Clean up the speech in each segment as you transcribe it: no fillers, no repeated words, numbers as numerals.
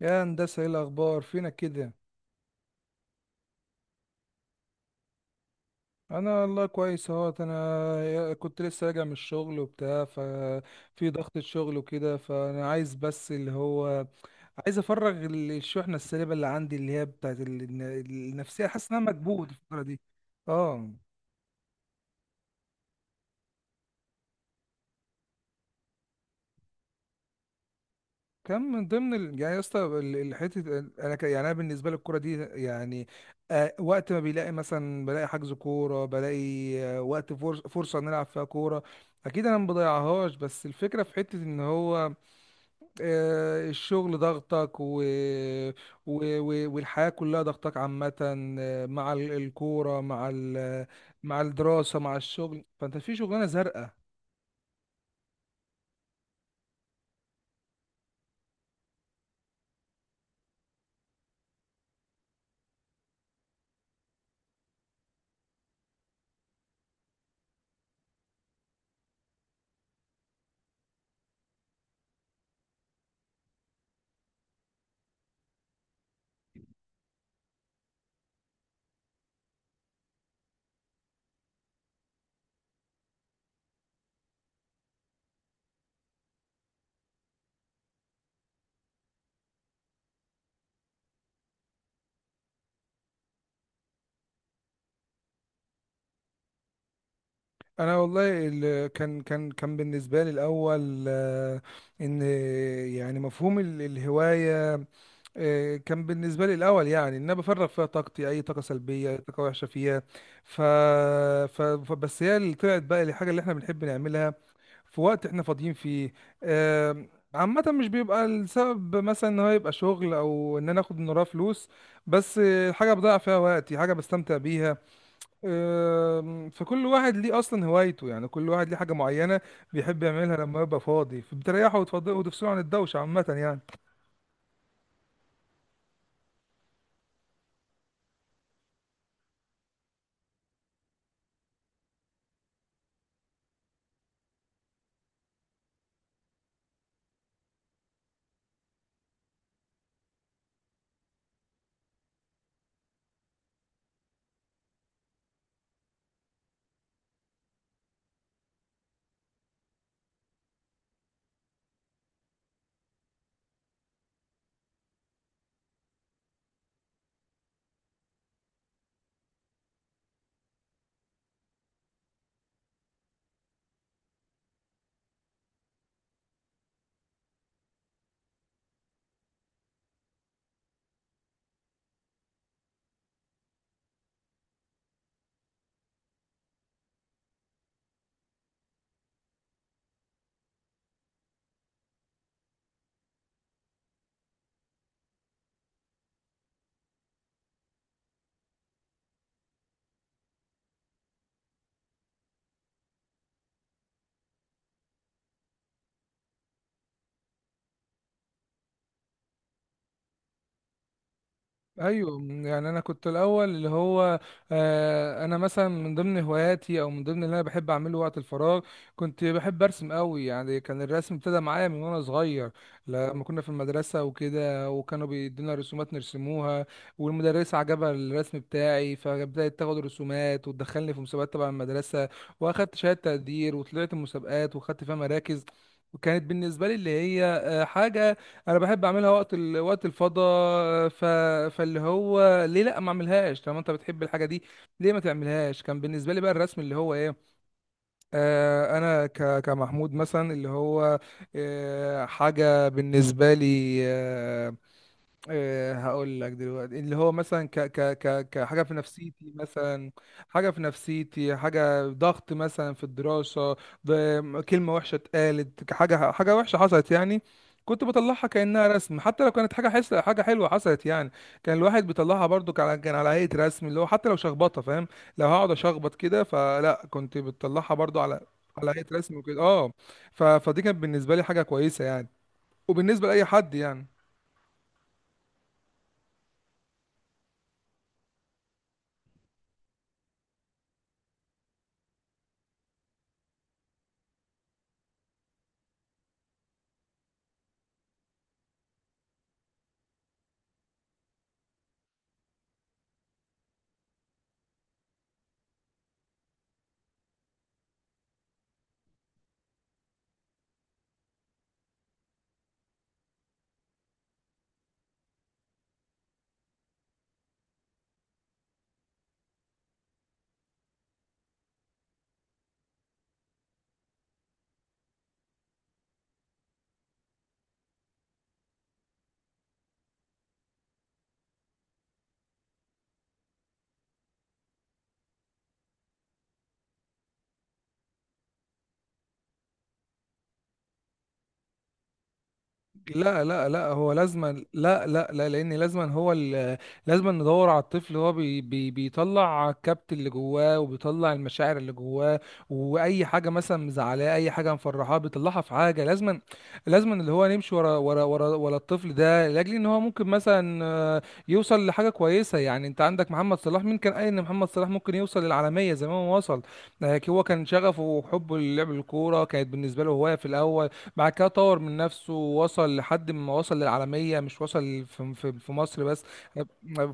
يا هندسة، ايه الأخبار فينا كده؟ أنا والله كويس اهوت. أنا كنت لسه راجع من الشغل وبتاع، ففي ضغط الشغل وكده، فأنا عايز بس اللي هو عايز أفرغ الشحنة السلبية اللي عندي، اللي هي بتاعت النفسية. حاسس إن أنا مكبوت الفترة دي. اه، كان من ضمن يعني يا اسطى، حته انا يعني انا بالنسبه لي الكوره دي يعني آه، وقت ما بيلاقي مثلا، بلاقي حجز كوره، بلاقي آه وقت فرصه نلعب فيها كوره، اكيد انا ما بضيعهاش. بس الفكره في حته ان هو آه الشغل ضغطك والحياه كلها ضغطك عامه آه، مع الكوره، مع مع الدراسه، مع الشغل، فانت في شغلانه زرقاء. انا والله كان بالنسبه لي الاول آه، ان يعني مفهوم الهوايه آه، كان بالنسبه لي الاول، يعني ان انا بفرغ فيها طاقتي، اي طاقه سلبيه، اي طاقه وحشه فيها. ف... بس هي اللي طلعت بقى الحاجه اللي احنا بنحب نعملها في وقت احنا فاضيين فيه. آم، عامة مش بيبقى السبب مثلا ان هو يبقى شغل او ان انا اخد من وراه فلوس، بس آه، حاجة بضيع فيها وقتي، حاجة بستمتع بيها. فكل واحد ليه اصلا هوايته، يعني كل واحد ليه حاجه معينه بيحب يعملها لما يبقى فاضي، فبتريحه وتفضله وتفصله عن الدوشه عامه يعني. ايوه، يعني انا كنت الاول اللي هو آه، انا مثلا من ضمن هواياتي او من ضمن اللي انا بحب اعمله وقت الفراغ، كنت بحب ارسم قوي. يعني كان الرسم ابتدى معايا من وانا صغير، لما كنا في المدرسه وكده، وكانوا بيدونا رسومات نرسموها، والمدرسه عجبها الرسم بتاعي، فبدات تاخد رسومات وتدخلني في مسابقات تبع المدرسه، واخدت شهاده تقدير، وطلعت مسابقات واخدت فيها مراكز. وكانت بالنسبه لي اللي هي آه، حاجه انا بحب اعملها وقت وقت الفضا. فاللي هو، ليه لا ما اعملهاش طالما انت بتحب الحاجه دي؟ ليه ما تعملهاش؟ كان بالنسبه لي بقى الرسم، اللي هو ايه، آه انا كمحمود مثلا، اللي هو آه حاجه بالنسبه لي آه، إيه هقول لك دلوقتي، اللي هو مثلا ك ك ك كحاجة في نفسيتي مثلا، حاجة في نفسيتي، حاجة ضغط مثلا في الدراسة، كلمة وحشة اتقالت، حاجة حاجة وحشة حصلت يعني، كنت بطلعها كأنها رسم. حتى لو كانت حاجة حس، حاجة حلوة حصلت يعني، كان الواحد بيطلعها برضو، كان على هيئة رسم، اللي هو حتى لو شخبطة فاهم، لو هقعد أشخبط كده فلا، كنت بتطلعها برضو على على هيئة رسم وكده اه. فدي كانت بالنسبة لي حاجة كويسة يعني، وبالنسبة لأي حد يعني. لا لا لا، هو لازما، لا لا لا، لان لازما هو لازما ندور على الطفل. هو بي بي بيطلع الكبت اللي جواه، وبيطلع المشاعر اللي جواه، واي حاجه مثلا مزعلاه، اي حاجه مفرحاه، بيطلعها في حاجه. لازما، لازما اللي هو نمشي ورا الطفل ده، لاجل ان هو ممكن مثلا آه، يوصل لحاجه كويسه. يعني انت عندك محمد صلاح، مين كان قال ان محمد صلاح ممكن يوصل للعالميه زي ما هو وصل؟ آه، هو كان شغفه وحبه للعب الكوره كانت بالنسبه له هوايه في الاول، بعد كده طور من نفسه ووصل لحد ما وصل للعالمية، مش وصل في مصر بس،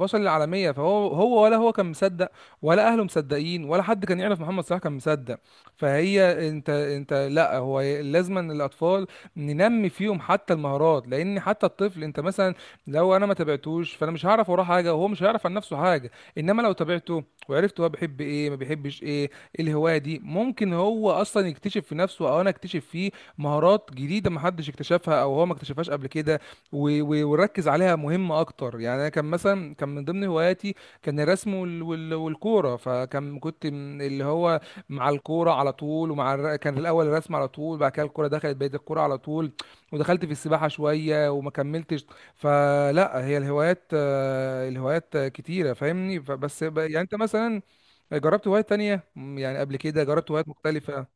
وصل للعالمية. فهو، هو ولا هو كان مصدق، ولا أهله مصدقين، ولا حد كان يعرف محمد صلاح كان مصدق؟ فهي انت لا، هو لازما الأطفال ننمي فيهم حتى المهارات، لأن حتى الطفل انت مثلا لو انا ما تابعتوش، فانا مش هعرف وراه حاجة، وهو مش هيعرف عن نفسه حاجة. انما لو تابعته وعرفت هو بيحب ايه ما بيحبش ايه، إيه الهواية دي، ممكن هو اصلا يكتشف في نفسه او انا اكتشف فيه مهارات جديده ما حدش اكتشفها او هو ما اكتشفهاش قبل كده، ونركز عليها مهمه اكتر. يعني انا كان مثلا كان من ضمن هواياتي كان الرسم والكوره، فكان كنت من اللي هو مع الكوره على طول، ومع كان الاول الرسم على طول، بعد كده الكوره دخلت، بقيت الكوره على طول، ودخلت في السباحه شويه وما كملتش. فلا، هي الهوايات آه، الهوايات آه، كتيره، فاهمني؟ يعني انت مثلا جربت هوايات تانية يعني قبل كده جربت هوايات مختلفة.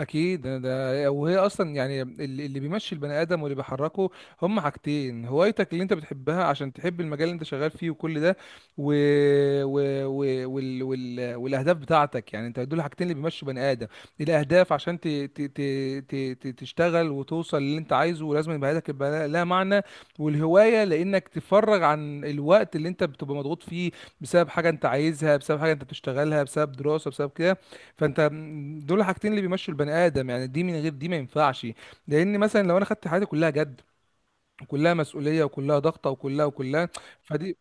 اكيد، وهي اصلا، يعني اللي بيمشي البني ادم واللي بيحركه هم حاجتين: هوايتك اللي انت بتحبها، عشان تحب المجال اللي انت شغال فيه وكل ده، و... والاهداف بتاعتك. يعني انت دول حاجتين اللي بيمشوا بني ادم، الاهداف عشان ت... تشتغل وتوصل للي انت عايزه، ولازم يبقى هدفك يبقى لها معنى، والهوايه لانك تفرغ عن الوقت اللي انت بتبقى مضغوط فيه بسبب حاجه انت عايزها، بسبب حاجه انت بتشتغلها، بسبب دراسه، بسبب كده. فانت دول الحاجتين اللي بيمشوا البني ادم يعني، دي من غير دي ما ينفعش. لان مثلا لو انا خدت حياتي كلها جد، وكلها مسؤوليه، وكلها ضغطه، وكلها فدي،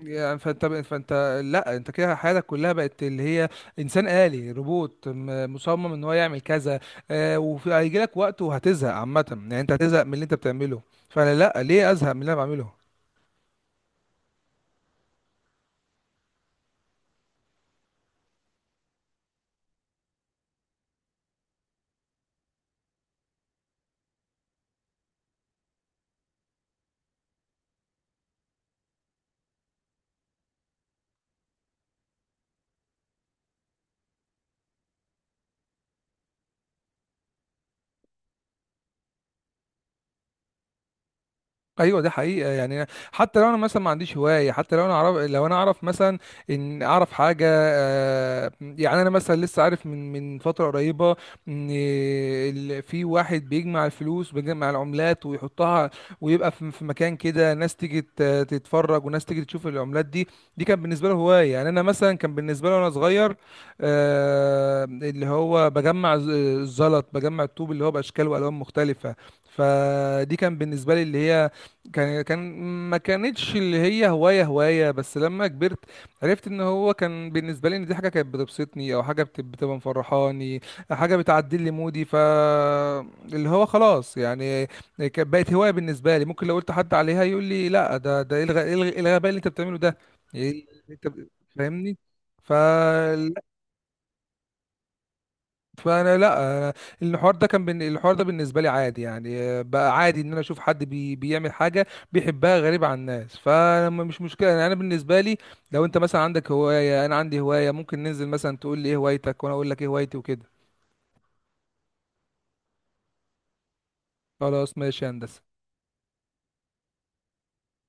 يعني فانت لا، انت كده حياتك كلها بقت اللي هي انسان آلي، روبوت، مصمم ان هو يعمل كذا. آه، وهيجي لك وقت وهتزهق عامه، يعني انت هتزهق من اللي انت بتعمله. فانا لا، ليه ازهق من اللي انا بعمله؟ ايوه، ده حقيقه. يعني حتى لو انا مثلا ما عنديش هوايه، حتى لو انا اعرف، لو انا اعرف مثلا ان اعرف حاجه آه، يعني انا مثلا لسه عارف من فتره قريبه ان في واحد بيجمع الفلوس، بيجمع العملات ويحطها ويبقى في في مكان كده، ناس تيجي تتفرج، وناس تيجي تشوف العملات دي. دي كان بالنسبه له هوايه. يعني انا مثلا كان بالنسبه لي وانا صغير آه، اللي هو بجمع الزلط، بجمع الطوب اللي هو باشكال والوان مختلفه، فدي كان بالنسبه لي اللي هي كان ما كانتش اللي هي هواية. بس لما كبرت عرفت ان هو كان بالنسبة لي ان دي حاجة كانت بتبسطني، او حاجة بتبقى مفرحاني، حاجة بتعدل لي مودي. ف اللي هو خلاص، يعني كانت بقت هواية بالنسبة لي. ممكن لو قلت حد عليها يقول لي لا، ده ده ايه إيه الغباء اللي انت بتعمله ده؟ إيه اللي انت فاهمني؟ ف فانا لا أنا الحوار ده الحوار ده بالنسبه لي عادي يعني آه، بقى عادي ان انا اشوف حد بيعمل حاجه بيحبها غريبه عن الناس، فما مش مشكله يعني. انا بالنسبه لي لو انت مثلا عندك هوايه، انا عندي هوايه، ممكن ننزل مثلا تقول لي ايه هوايتك، وانا اقول لك ايه هوايتي وكده. خلاص ماشي يا هندسه.